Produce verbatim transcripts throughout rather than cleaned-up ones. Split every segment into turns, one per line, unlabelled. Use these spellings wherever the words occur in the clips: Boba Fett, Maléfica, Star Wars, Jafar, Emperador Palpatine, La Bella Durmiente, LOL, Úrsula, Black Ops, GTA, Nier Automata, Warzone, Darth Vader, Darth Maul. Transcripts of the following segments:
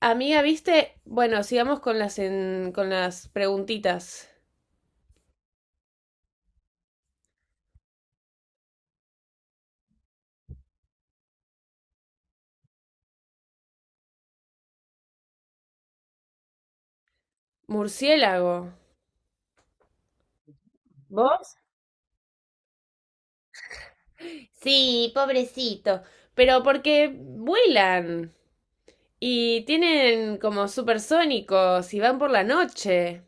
Amiga, viste, bueno, sigamos con las en- con las preguntitas. Murciélago. ¿Vos? Sí, pobrecito. Pero porque vuelan y tienen como supersónicos y van por la noche.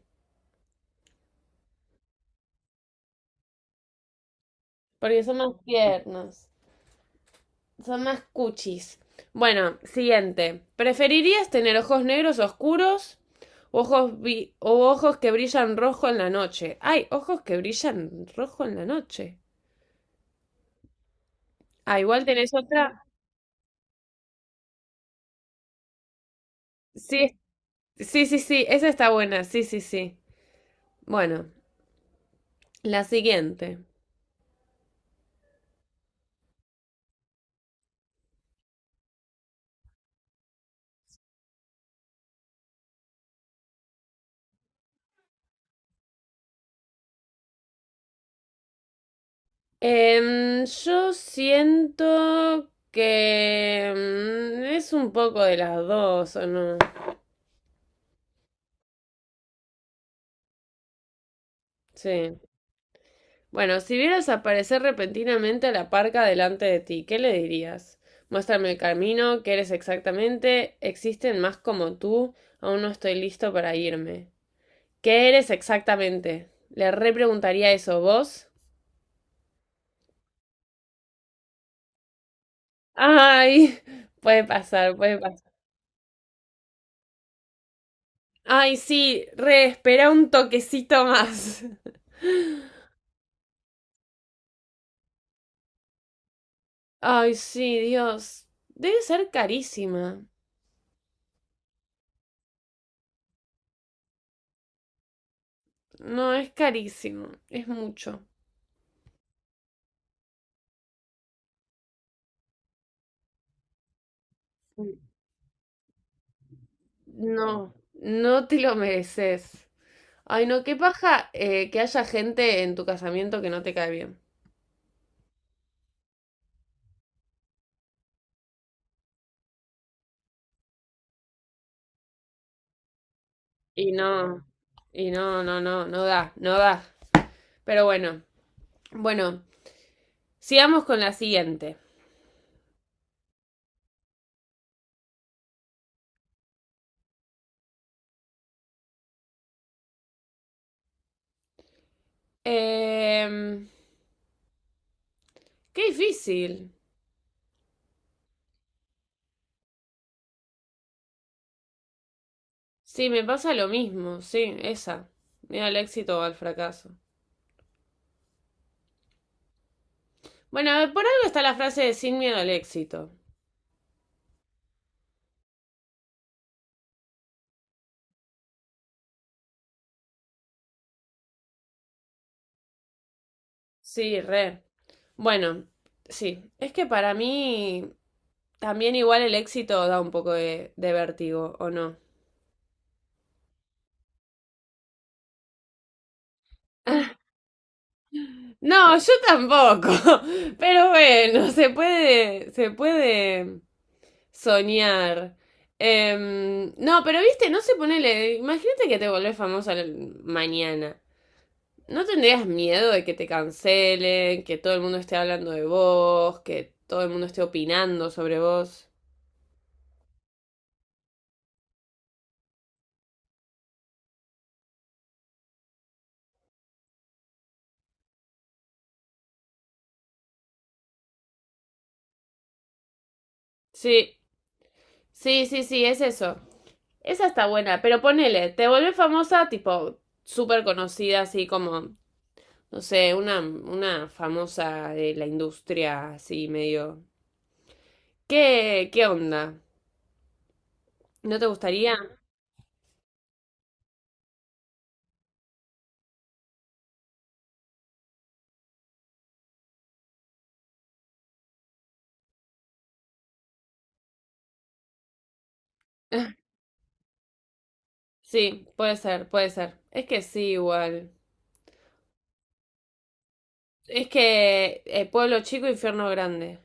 Porque son más tiernos. Son más cuchis. Bueno, siguiente. ¿Preferirías tener ojos negros oscuros o ojos, vi- o ojos que brillan rojo en la noche? Ay, ojos que brillan rojo en la noche. Ah, igual tenés otra. Sí, sí, sí, sí, esa está buena, sí, sí, sí. Bueno, la siguiente. Em, yo siento que mm, es un poco de las dos, ¿o no? Sí. Bueno, si vieras aparecer repentinamente a la parca delante de ti, ¿qué le dirías? Muéstrame el camino, ¿qué eres exactamente? ¿Existen más como tú? Aún no estoy listo para irme. ¿Qué eres exactamente? Le repreguntaría eso, ¿vos? Ay, puede pasar, puede pasar. Ay, sí, re, espera un toquecito más. Ay, sí, Dios. Debe ser carísima. No, es carísimo, es mucho. No, no te lo mereces. Ay, no, qué paja eh, que haya gente en tu casamiento que no te cae bien. Y no, y no, no, no, no da, no da. Pero bueno, bueno, sigamos con la siguiente. Em, Qué difícil. Sí, me pasa lo mismo, sí, esa. Miedo al éxito o al fracaso. Bueno, a ver, por algo está la frase de sin miedo al éxito. Sí, re. Bueno, sí, es que para mí también igual el éxito da un poco de, de vértigo, ¿o no? No, yo tampoco. Pero bueno, se puede, se puede soñar. Em, no, pero viste, no se ponele. Imagínate que te volvés famosa mañana. ¿No tendrías miedo de que te cancelen, que todo el mundo esté hablando de vos, que todo el mundo esté opinando sobre vos? Sí, sí, sí, sí, es eso. Esa está buena, pero ponele, te volvés famosa, tipo, súper conocida, así como, no sé, una, una famosa de la industria, así medio. ¿Qué, qué onda? ¿No te gustaría? Sí, puede ser, puede ser. Es que sí, igual. Es que eh, pueblo chico, infierno grande.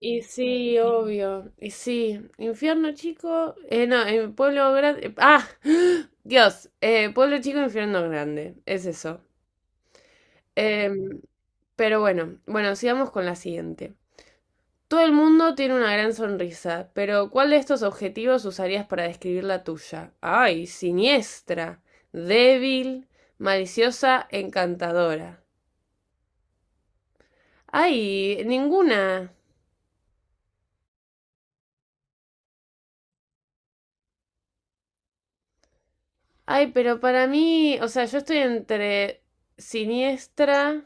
Y sí, obvio. Y sí, infierno chico. Eh, no, en pueblo grande. Ah, Dios. Eh, pueblo chico, infierno grande. Es eso. Em, pero bueno, bueno, sigamos con la siguiente. Todo el mundo tiene una gran sonrisa, pero ¿cuál de estos objetivos usarías para describir la tuya? Ay, siniestra, débil, maliciosa, encantadora. Ay, ninguna. Ay, pero para mí, o sea, yo estoy entre siniestra,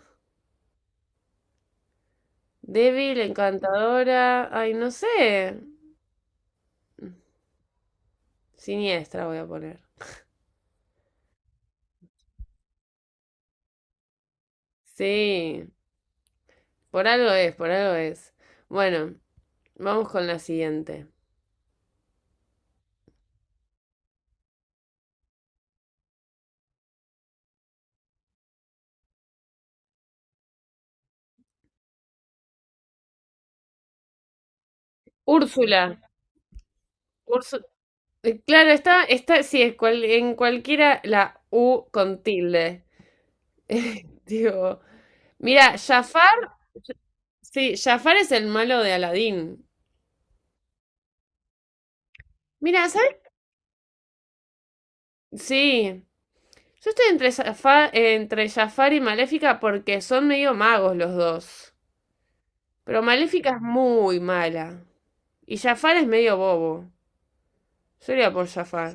débil, encantadora, ay, no sé. Siniestra voy a poner. Sí, por algo es, por algo es. Bueno, vamos con la siguiente. Úrsula. Úrsu- eh, claro, está, está, sí, es cual- en cualquiera la U con tilde. Digo, mira, Jafar, sí, Jafar es el malo de Aladín. Mira, ¿sabes? Sí. Yo estoy entre, Zafa- entre Jafar y Maléfica porque son medio magos los dos. Pero Maléfica es muy mala. Y Jafar es medio bobo. Yo iría por Jafar.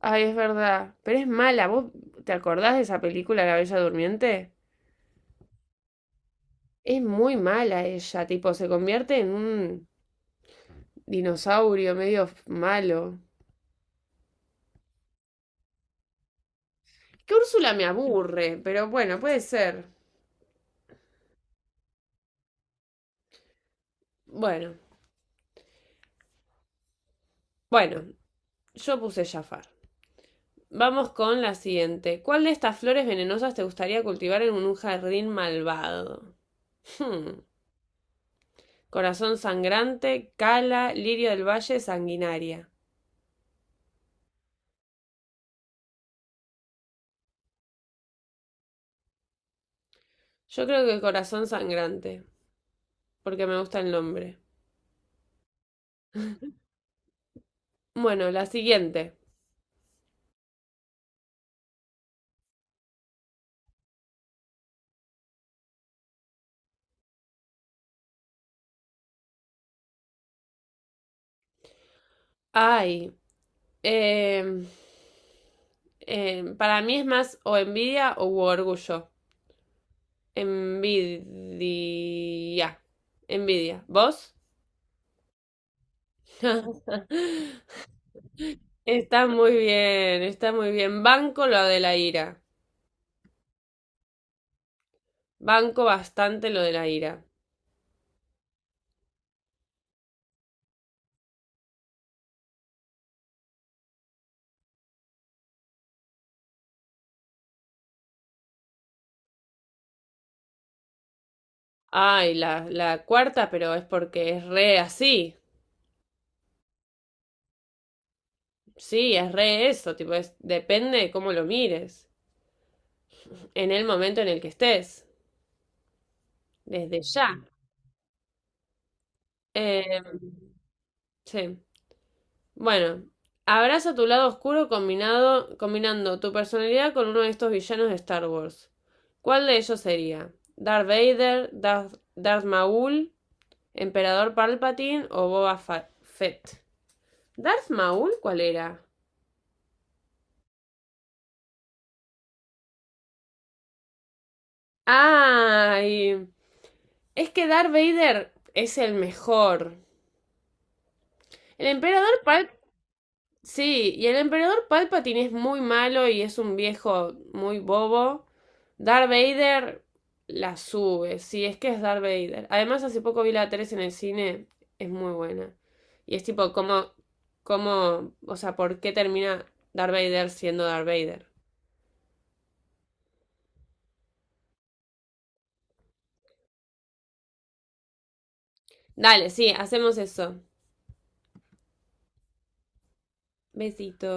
Ay, es verdad. Pero es mala. ¿Vos te acordás de esa película, La Bella Durmiente? Es muy mala ella. Tipo, se convierte en un dinosaurio medio f- malo. Que Úrsula me aburre, pero bueno, puede ser. Bueno, bueno. Yo puse Jafar. Vamos con la siguiente. ¿Cuál de estas flores venenosas te gustaría cultivar en un jardín malvado? Hmm. Corazón sangrante, cala, lirio del valle, sanguinaria. Yo creo que corazón sangrante, porque me gusta el nombre. Bueno, la siguiente. Ay, eh, eh, para mí es más o envidia o orgullo. Envidia. Envidia. ¿Vos? Está muy bien, está muy bien. Banco lo de la ira. Banco bastante lo de la ira. Ay, la, la cuarta, pero es porque es re así. Sí, es re eso, tipo, es, depende de cómo lo mires, en el momento en el que estés, desde ya. Eh, sí. Bueno, abraza tu lado oscuro combinado, combinando tu personalidad con uno de estos villanos de Star Wars. ¿Cuál de ellos sería? ¿Darth Vader? ¿Darth, Darth Maul? ¿Emperador Palpatine o Boba Fett? ¿Darth Maul cuál era? ¡Ay! Es que Darth Vader es el mejor. El emperador Pal... Sí, y el emperador Palpatine es muy malo y es un viejo muy bobo. Darth Vader la sube, sí, es que es Darth Vader. Además, hace poco vi la tres en el cine, es muy buena. Y es tipo, ¿cómo, cómo, o sea, por qué termina Darth Vader siendo Darth Vader? Dale, sí, hacemos eso. Besito.